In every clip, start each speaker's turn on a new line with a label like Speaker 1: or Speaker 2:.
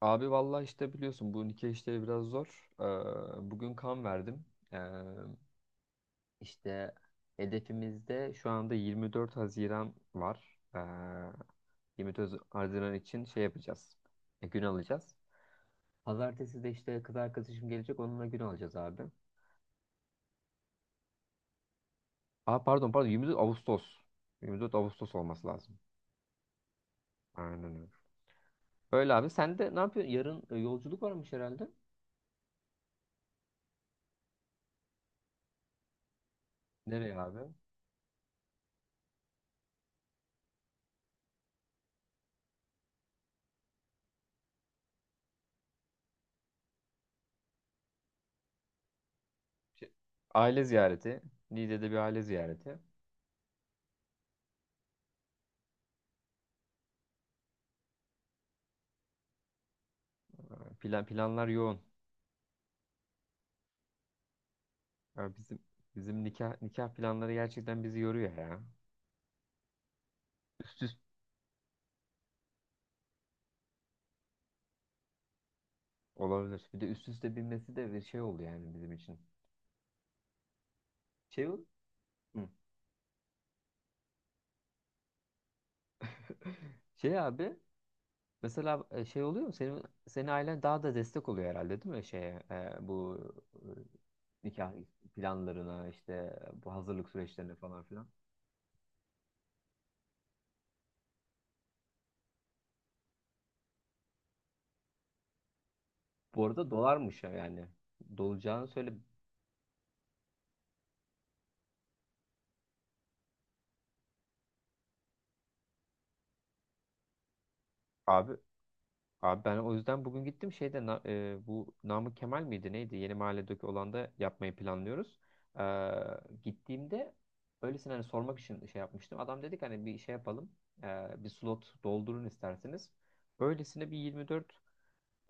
Speaker 1: Abi, vallahi işte biliyorsun, bu nikah işleri biraz zor. Bugün kan verdim. Ee, işte hedefimizde şu anda 24 Haziran var. 24 Haziran için şey yapacağız. Gün alacağız. Pazartesi de işte kız arkadaşım gelecek, onunla gün alacağız abi. Aa, pardon pardon, 24 Ağustos. 24 Ağustos olması lazım. Aynen öyle. Öyle abi, sen de ne yapıyorsun? Yarın yolculuk varmış herhalde. Nereye abi? Şey, Aile ziyareti. Niğde'de bir aile ziyareti. Planlar yoğun. Ya, bizim nikah planları gerçekten bizi yoruyor ya. Üst üste olabilir. Bir de üst üste binmesi de bir şey oluyor yani bizim için. Şey ol- Hı. Şey abi, mesela şey oluyor mu? Senin ailen daha da destek oluyor herhalde değil mi, şeye, bu, e, nikah planlarına, işte bu hazırlık süreçlerine falan filan. Bu arada dolarmış ya yani. Dolacağını söyle abi. Abi, ben o yüzden bugün gittim şeyde, bu Namık Kemal miydi neydi? Yeni mahalledeki olan da yapmayı planlıyoruz. Ee, gittiğimde öylesine hani sormak için şey yapmıştım. Adam dedik, hani bir şey yapalım. Bir slot doldurun isterseniz. Öylesine bir 24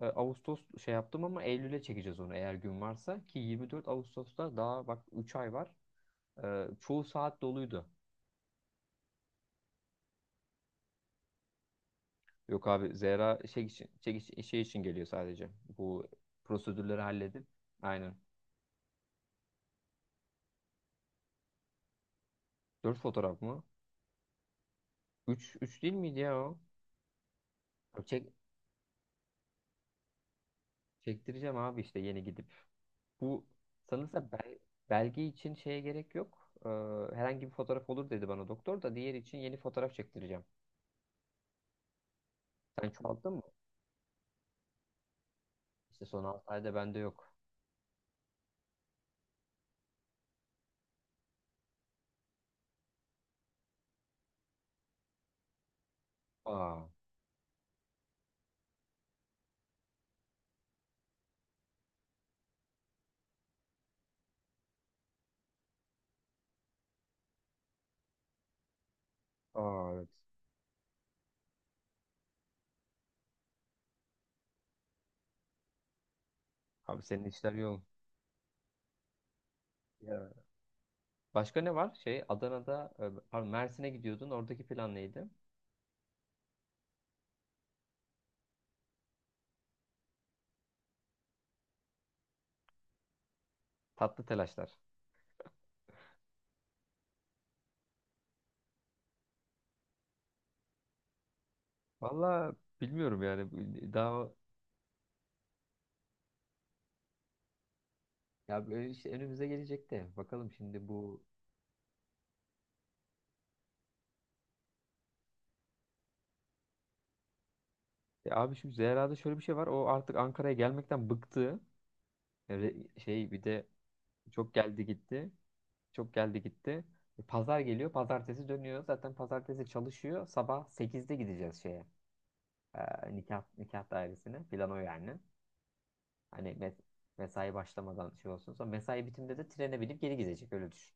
Speaker 1: Ağustos şey yaptım ama Eylül'e çekeceğiz onu, eğer gün varsa. Ki 24 Ağustos'ta daha bak, 3 ay var. Çoğu saat doluydu. Yok abi, Zehra şey için geliyor sadece. Bu prosedürleri halledip. Aynen. Dört fotoğraf mı? Üç değil miydi ya o? Ya, çektireceğim abi, işte yeni gidip. Bu sanırsa belge için şeye gerek yok. Herhangi bir fotoğraf olur dedi bana doktor, da diğer için yeni fotoğraf çektireceğim. Sen çoğalttın mı? İşte son altı ayda bende yok. Aa, aa, evet. Abi senin işler yoğun. Ya. Başka ne var? Şey Adana'da, pardon, Mersin'e gidiyordun. Oradaki plan neydi? Tatlı telaşlar. Valla bilmiyorum yani. Daha ya böyle işte önümüze gelecekti. Bakalım şimdi ya abi, şimdi Zehra'da şöyle bir şey var. O artık Ankara'ya gelmekten bıktı. Öyle şey, bir de çok geldi gitti. Çok geldi gitti. Pazar geliyor. Pazartesi dönüyor. Zaten pazartesi çalışıyor. Sabah sekizde gideceğiz şeye, nikah dairesine. Plan o yani. Hani mesai başlamadan şey olsun. Sonra mesai bitiminde de trene binip geri gidecek. Öyle düşün.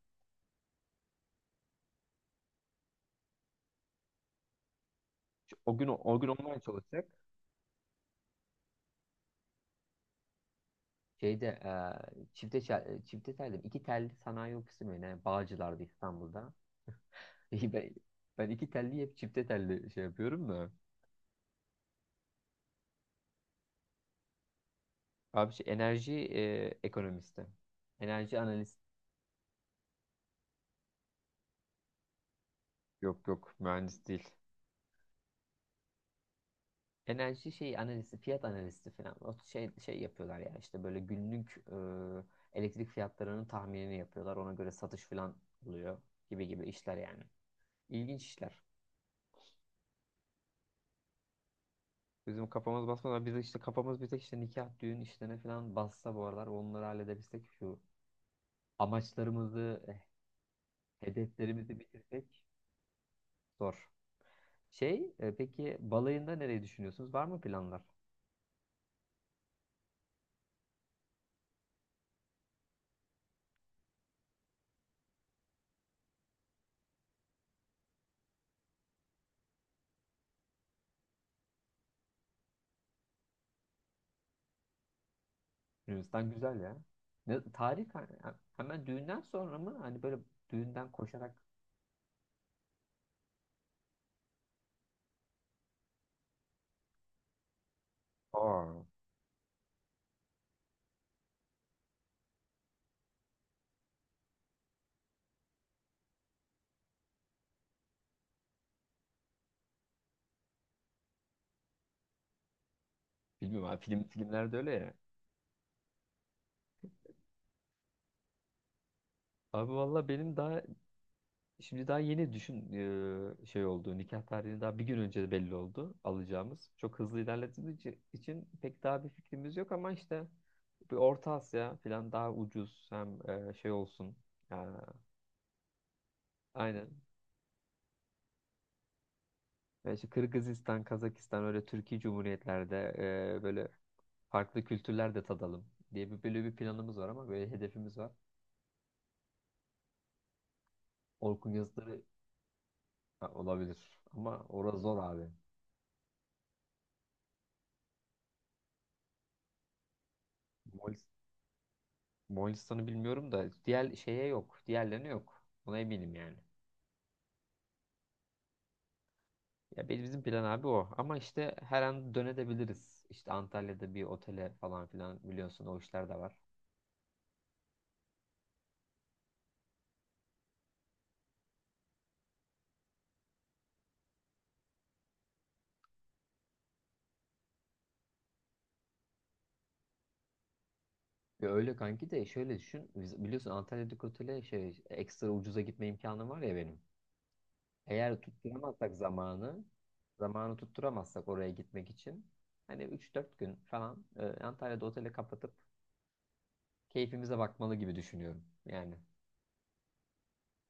Speaker 1: O gün online çalışacak. Şeyde çifte çifte telli, iki telli sanayi ofisi mi ne? Bağcılar'da, İstanbul'da. İyi. Ben iki telli hep çifte telli şey yapıyorum da. Abi şey enerji ekonomisti. Enerji analist. Yok yok, mühendis değil. Enerji şey analisti, fiyat analisti falan. O şey yapıyorlar ya, işte böyle günlük elektrik fiyatlarının tahminini yapıyorlar. Ona göre satış falan oluyor, gibi gibi işler yani. İlginç işler. Bizim kafamız basmadan biz işte, kafamız bir tek işte nikah, düğün işlerine falan bassa, bu aralar onları halledebilsek, şu amaçlarımızı, hedeflerimizi bitirsek zor. Peki balayında nereyi düşünüyorsunuz? Var mı planlar? Yunanistan güzel ya. Ne, tarih hemen düğünden sonra mı? Hani böyle düğünden koşarak. Aa. Bilmiyorum abi, filmlerde öyle ya. Abi valla, benim daha şimdi, daha yeni şey oldu. Nikah tarihini daha bir gün önce de belli oldu alacağımız. Çok hızlı ilerlediğimiz için pek daha bir fikrimiz yok ama işte bir Orta Asya falan daha ucuz, hem şey olsun. Yani, aynen. Yani işte Kırgızistan, Kazakistan öyle Türkiye Cumhuriyetlerde böyle farklı kültürler de tadalım diye böyle bir planımız var ama böyle hedefimiz var. Orkun yazıları, ha, olabilir ama orası zor abi. Moğolis- Moğolistan'ı bilmiyorum da diğer şeye yok. Diğerlerine yok. Buna eminim yani. Ya bizim plan abi o. Ama işte her an dönebiliriz. İşte Antalya'da bir otele falan filan, biliyorsun o işler de var. Ya öyle kanki de, şöyle düşün. Biliyorsun Antalya'daki otele şey ekstra ucuza gitme imkanım var ya benim. Eğer tutturamazsak zamanı, zamanı tutturamazsak oraya gitmek için hani üç dört gün falan Antalya'da oteli kapatıp keyfimize bakmalı gibi düşünüyorum. Yani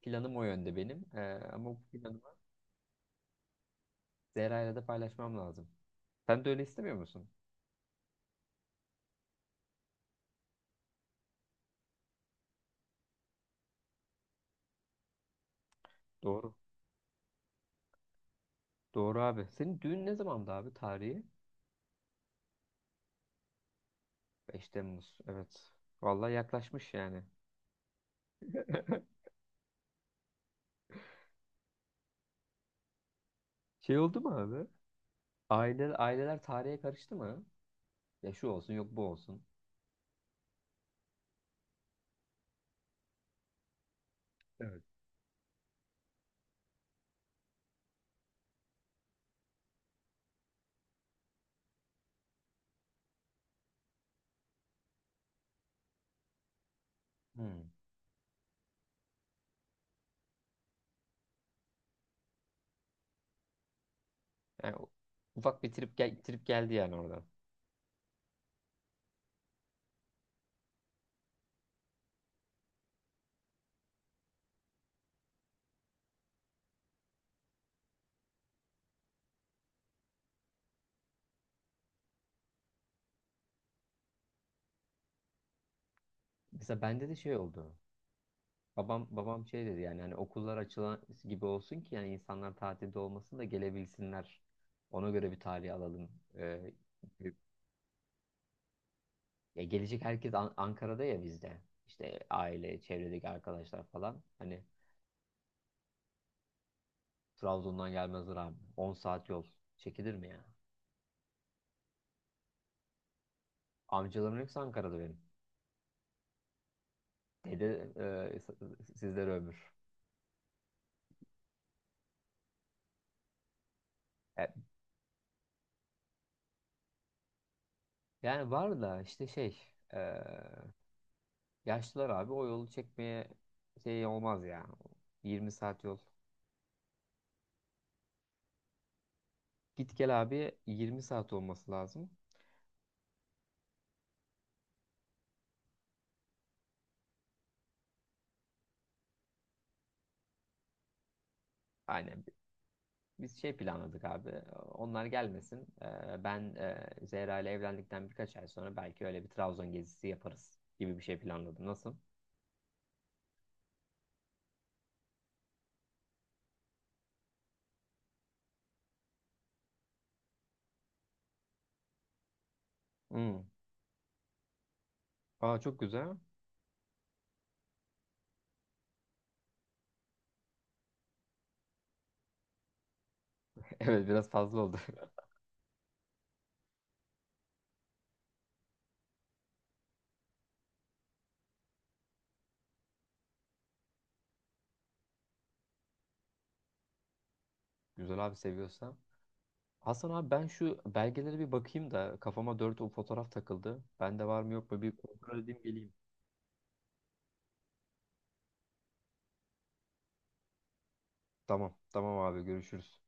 Speaker 1: planım o yönde benim. Ama bu planımı Zehra'yla da paylaşmam lazım. Sen de öyle istemiyor musun? Doğru. Doğru abi. Senin düğün ne zamandı abi, tarihi? 5 Temmuz. Evet. Vallahi yaklaşmış yani. Şey oldu mu abi? Aileler tarihe karıştı mı? Ya şu olsun yok bu olsun. Evet. Hmm. Yani ufak bir trip geldi yani oradan. Mesela bende de şey oldu. Babam şey dedi yani, hani okullar açılan gibi olsun ki yani insanlar tatilde olmasın da gelebilsinler. Ona göre bir tarih alalım. E, ya gelecek herkes Ankara'da, ya bizde. İşte aile, çevredeki arkadaşlar falan. Hani Trabzon'dan gelmezler abi. 10 saat yol. Çekilir mi ya? Amcalarım hepsi Ankara'da benim. Dede sizlere ömür. E, Yani var da işte şey, e, yaşlılar abi o yolu çekmeye şey olmaz ya. 20 saat yol. Git gel abi, 20 saat olması lazım. Aynen. Biz şey planladık abi. Onlar gelmesin. Ben Zehra ile evlendikten birkaç ay sonra belki öyle bir Trabzon gezisi yaparız gibi bir şey planladım. Nasıl? Hmm. Aa, çok güzel. Evet, biraz fazla oldu. Güzel abi, seviyorsa. Hasan abi, ben şu belgelere bir bakayım da kafama dört o fotoğraf takıldı. Bende var mı yok mu bir kontrol edeyim geleyim. Tamam, tamam abi, görüşürüz.